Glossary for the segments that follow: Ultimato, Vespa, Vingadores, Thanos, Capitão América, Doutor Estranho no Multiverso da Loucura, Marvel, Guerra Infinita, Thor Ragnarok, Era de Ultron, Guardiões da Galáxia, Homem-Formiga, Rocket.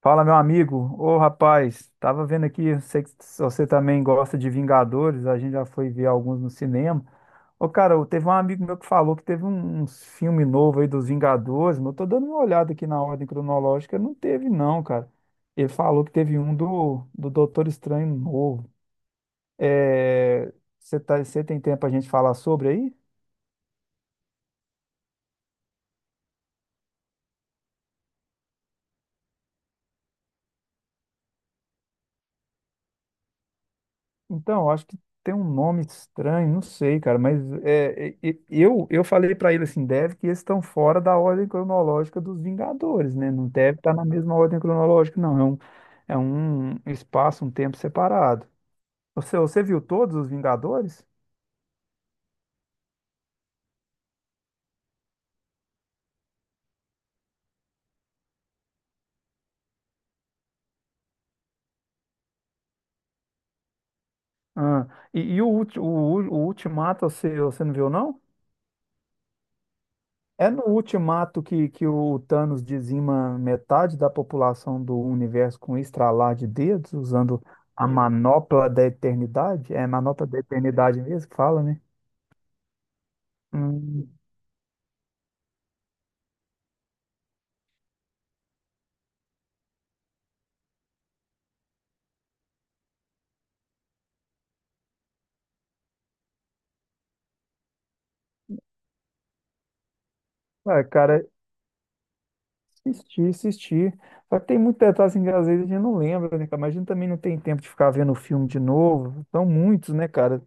Fala, meu amigo. Ô, rapaz, tava vendo aqui, eu sei que você também gosta de Vingadores, a gente já foi ver alguns no cinema. Ô, cara, teve um amigo meu que falou que teve uns filme novo aí dos Vingadores, mas eu tô dando uma olhada aqui na ordem cronológica, não teve não, cara. Ele falou que teve um do Doutor Estranho novo. É, você tem tempo pra gente falar sobre aí? Então, acho que tem um nome estranho, não sei, cara, mas é, eu falei pra ele assim, deve que eles estão fora da ordem cronológica dos Vingadores, né? Não deve estar na mesma ordem cronológica, não. É um espaço, um tempo separado. Você viu todos os Vingadores? Ah, e o Ultimato, você não viu, não? É no Ultimato que o Thanos dizima metade da população do universo com um estralar de dedos, usando a manopla da eternidade? É manopla da eternidade mesmo que fala, né? Hum. Ah, cara, assisti, assisti. Só que tem muito detalhe assim, que às vezes a gente não lembra, né, cara? Mas a gente também não tem tempo de ficar vendo o filme de novo. São muitos, né, cara?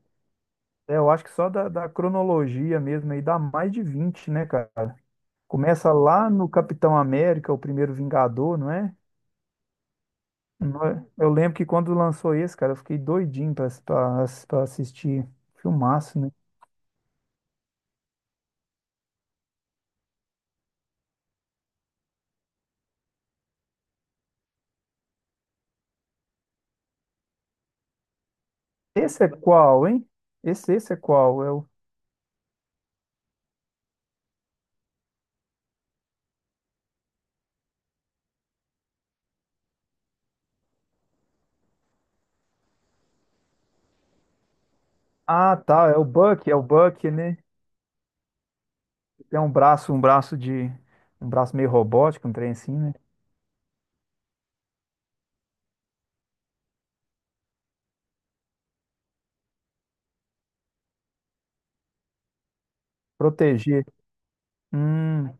É, eu acho que só da cronologia mesmo aí dá mais de 20, né, cara? Começa lá no Capitão América, o primeiro Vingador, não é? Eu lembro que quando lançou esse, cara, eu fiquei doidinho pra assistir. Filmaço, né? Esse é qual, hein? Esse é qual? Ah, tá, é o Buck, né? Tem um braço, um braço meio robótico, um trem assim, né? Proteger. Hum,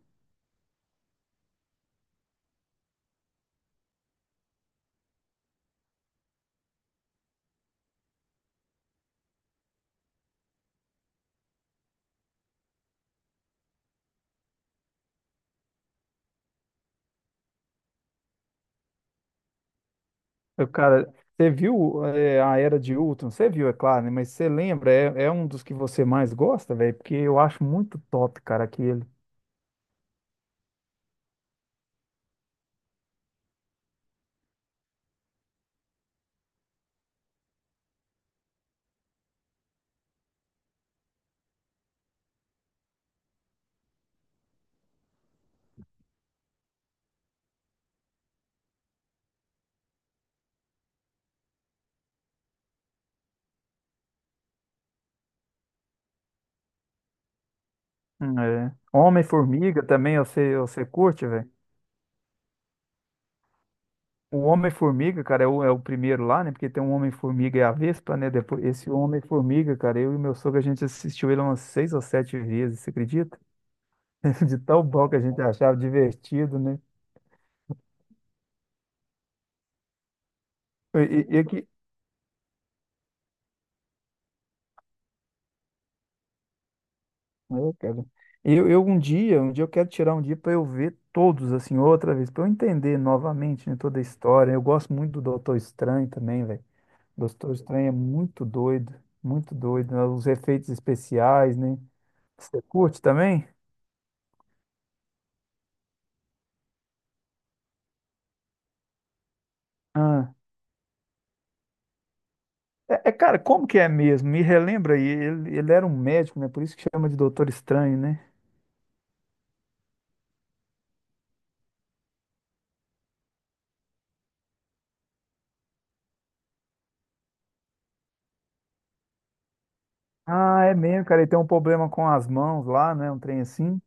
cara, você viu a Era de Ultron? Você viu, é claro, né? Mas você lembra? É um dos que você mais gosta, velho? Porque eu acho muito top, cara, aquele. Hum. É. Homem-Formiga também, você curte, velho? O Homem-Formiga, cara, é o primeiro lá, né? Porque tem um Homem-Formiga e a Vespa, né? Depois, esse Homem-Formiga, cara, eu e meu sogro, a gente assistiu ele umas seis ou sete vezes, você acredita? De tão bom que a gente achava divertido, né? E, e cara, eu um dia eu quero tirar um dia pra eu ver todos, assim, outra vez, pra eu entender novamente, né, toda a história. Eu gosto muito do Doutor Estranho também, velho. Doutor Estranho é muito doido, muito doido, né? Os efeitos especiais, né? Você curte também? Ah. É, cara, como que é mesmo? Me relembra aí, ele era um médico, né? Por isso que chama de Doutor Estranho, né? Ah, é mesmo, cara, ele tem um problema com as mãos lá, né? Um trem assim.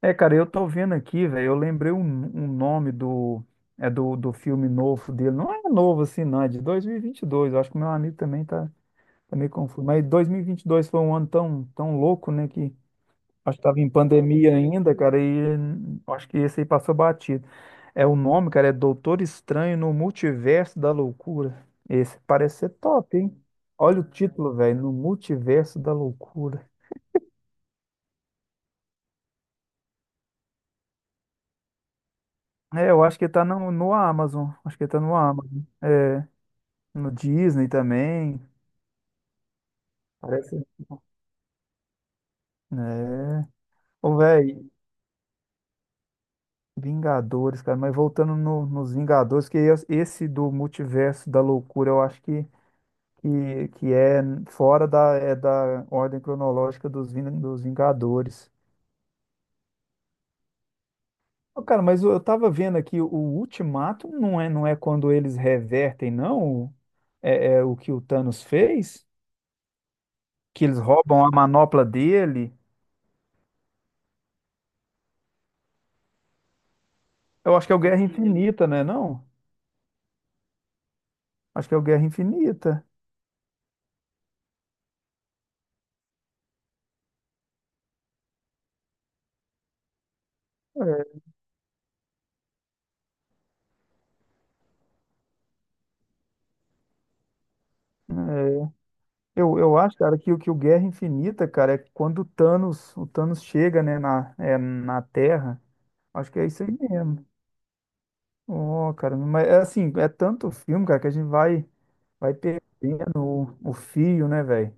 É, cara, eu tô vendo aqui, velho, eu lembrei um nome do filme novo dele. Não é novo assim, não, é de 2022. Eu acho que o meu amigo também tá meio confuso. Mas dois mil e vinte e dois foi um ano tão, tão louco, né? Que Acho que tava em pandemia ainda, cara, e acho que esse aí passou batido. É o nome, cara, é Doutor Estranho no Multiverso da Loucura. Esse parece ser top, hein? Olha o título, velho, No Multiverso da Loucura. É, eu acho que tá no Amazon. Acho que tá no Amazon. É, no Disney também. Parece. É. Ô, velho, Vingadores, cara, mas voltando nos Vingadores, que esse do Multiverso da Loucura, eu acho que é fora é da ordem cronológica dos Vingadores. Ô, Cara, mas eu tava vendo aqui, o Ultimato não é, não é quando eles revertem, não? É o que o Thanos fez? Que eles roubam a manopla dele? Eu acho que é o Guerra Infinita, né? Não? Acho que é o Guerra Infinita. Eu acho, cara, que o Guerra Infinita, cara, é quando o Thanos chega, né, na Terra. Acho que é isso aí mesmo. Oh, cara, mas é assim, é tanto filme, cara, que a gente vai perdendo o fio, né, velho?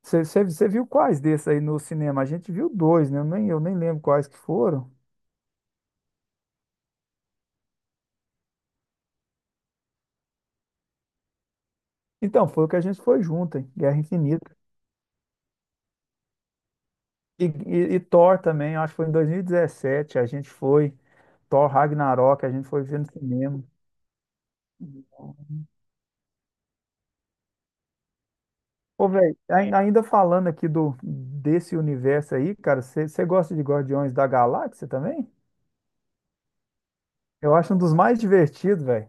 Você viu quais desses aí no cinema? A gente viu dois, né? Eu nem lembro quais que foram. Então, foi o que a gente foi junto, hein? Guerra Infinita. E Thor também, eu acho que foi em 2017, a gente foi. Thor Ragnarok, a gente foi ver no cinema. Ô, velho, ainda falando aqui desse universo aí, cara, você gosta de Guardiões da Galáxia também? Eu acho um dos mais divertidos, velho.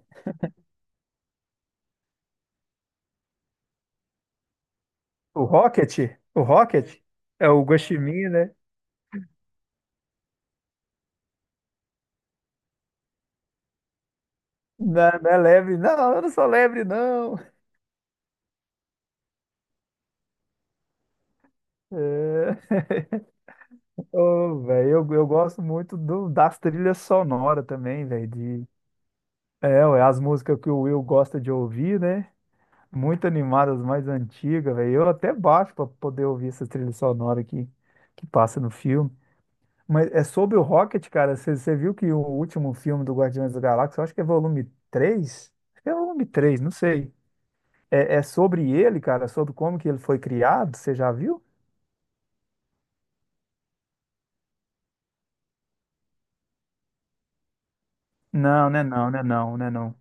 O Rocket? O Rocket? É o Ho Chi Minh, né? Não, não é lebre, não, eu não sou lebre, não. É. Ô, velho, eu gosto muito das trilhas sonoras também, velho. É, ué, as músicas que o Will gosta de ouvir, né? Muito animadas, mais antigas, velho. Eu até baixo pra poder ouvir essas trilhas sonoras que passa no filme. Mas é sobre o Rocket, cara. Você viu que o último filme do Guardiões da Galáxia, eu acho que é volume 3. Acho que é volume 3, não sei. É sobre ele, cara, sobre como que ele foi criado, você já viu? Não, né, não, né, não, né, não.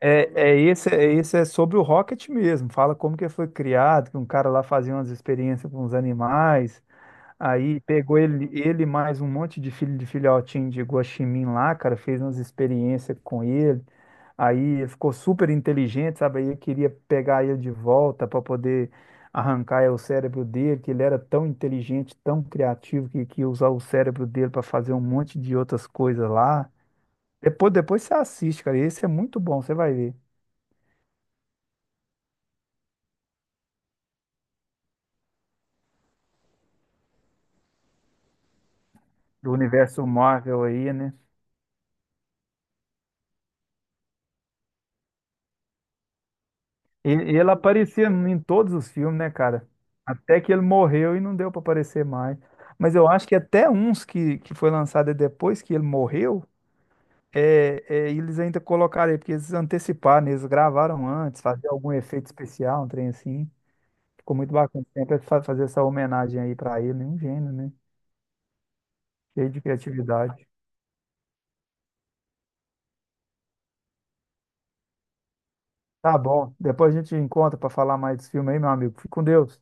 É, esse, é sobre o Rocket mesmo. Fala como que ele foi criado, que um cara lá fazia umas experiências com os animais, aí pegou ele, ele mais um monte de filhotinho de guaxinim lá, cara, fez umas experiências com ele. Aí ele ficou super inteligente, sabe? Aí eu queria pegar ele de volta para poder arrancar o cérebro dele, que ele era tão inteligente, tão criativo, que ia usar o cérebro dele para fazer um monte de outras coisas lá. Depois, depois você assiste, cara. Esse é muito bom, você vai ver. Do universo Marvel aí, né? E ele aparecia em todos os filmes, né, cara? Até que ele morreu e não deu para aparecer mais. Mas eu acho que até uns que foi lançado depois que ele morreu. É, e eles ainda colocaram aí, porque eles anteciparam, né, eles gravaram antes, fazer algum efeito especial, um trem assim. Ficou muito bacana. Sempre fazer essa homenagem aí pra ele, um gênio, né? Cheio de criatividade. Tá bom, depois a gente encontra pra falar mais desse filme aí, meu amigo. Fique com Deus.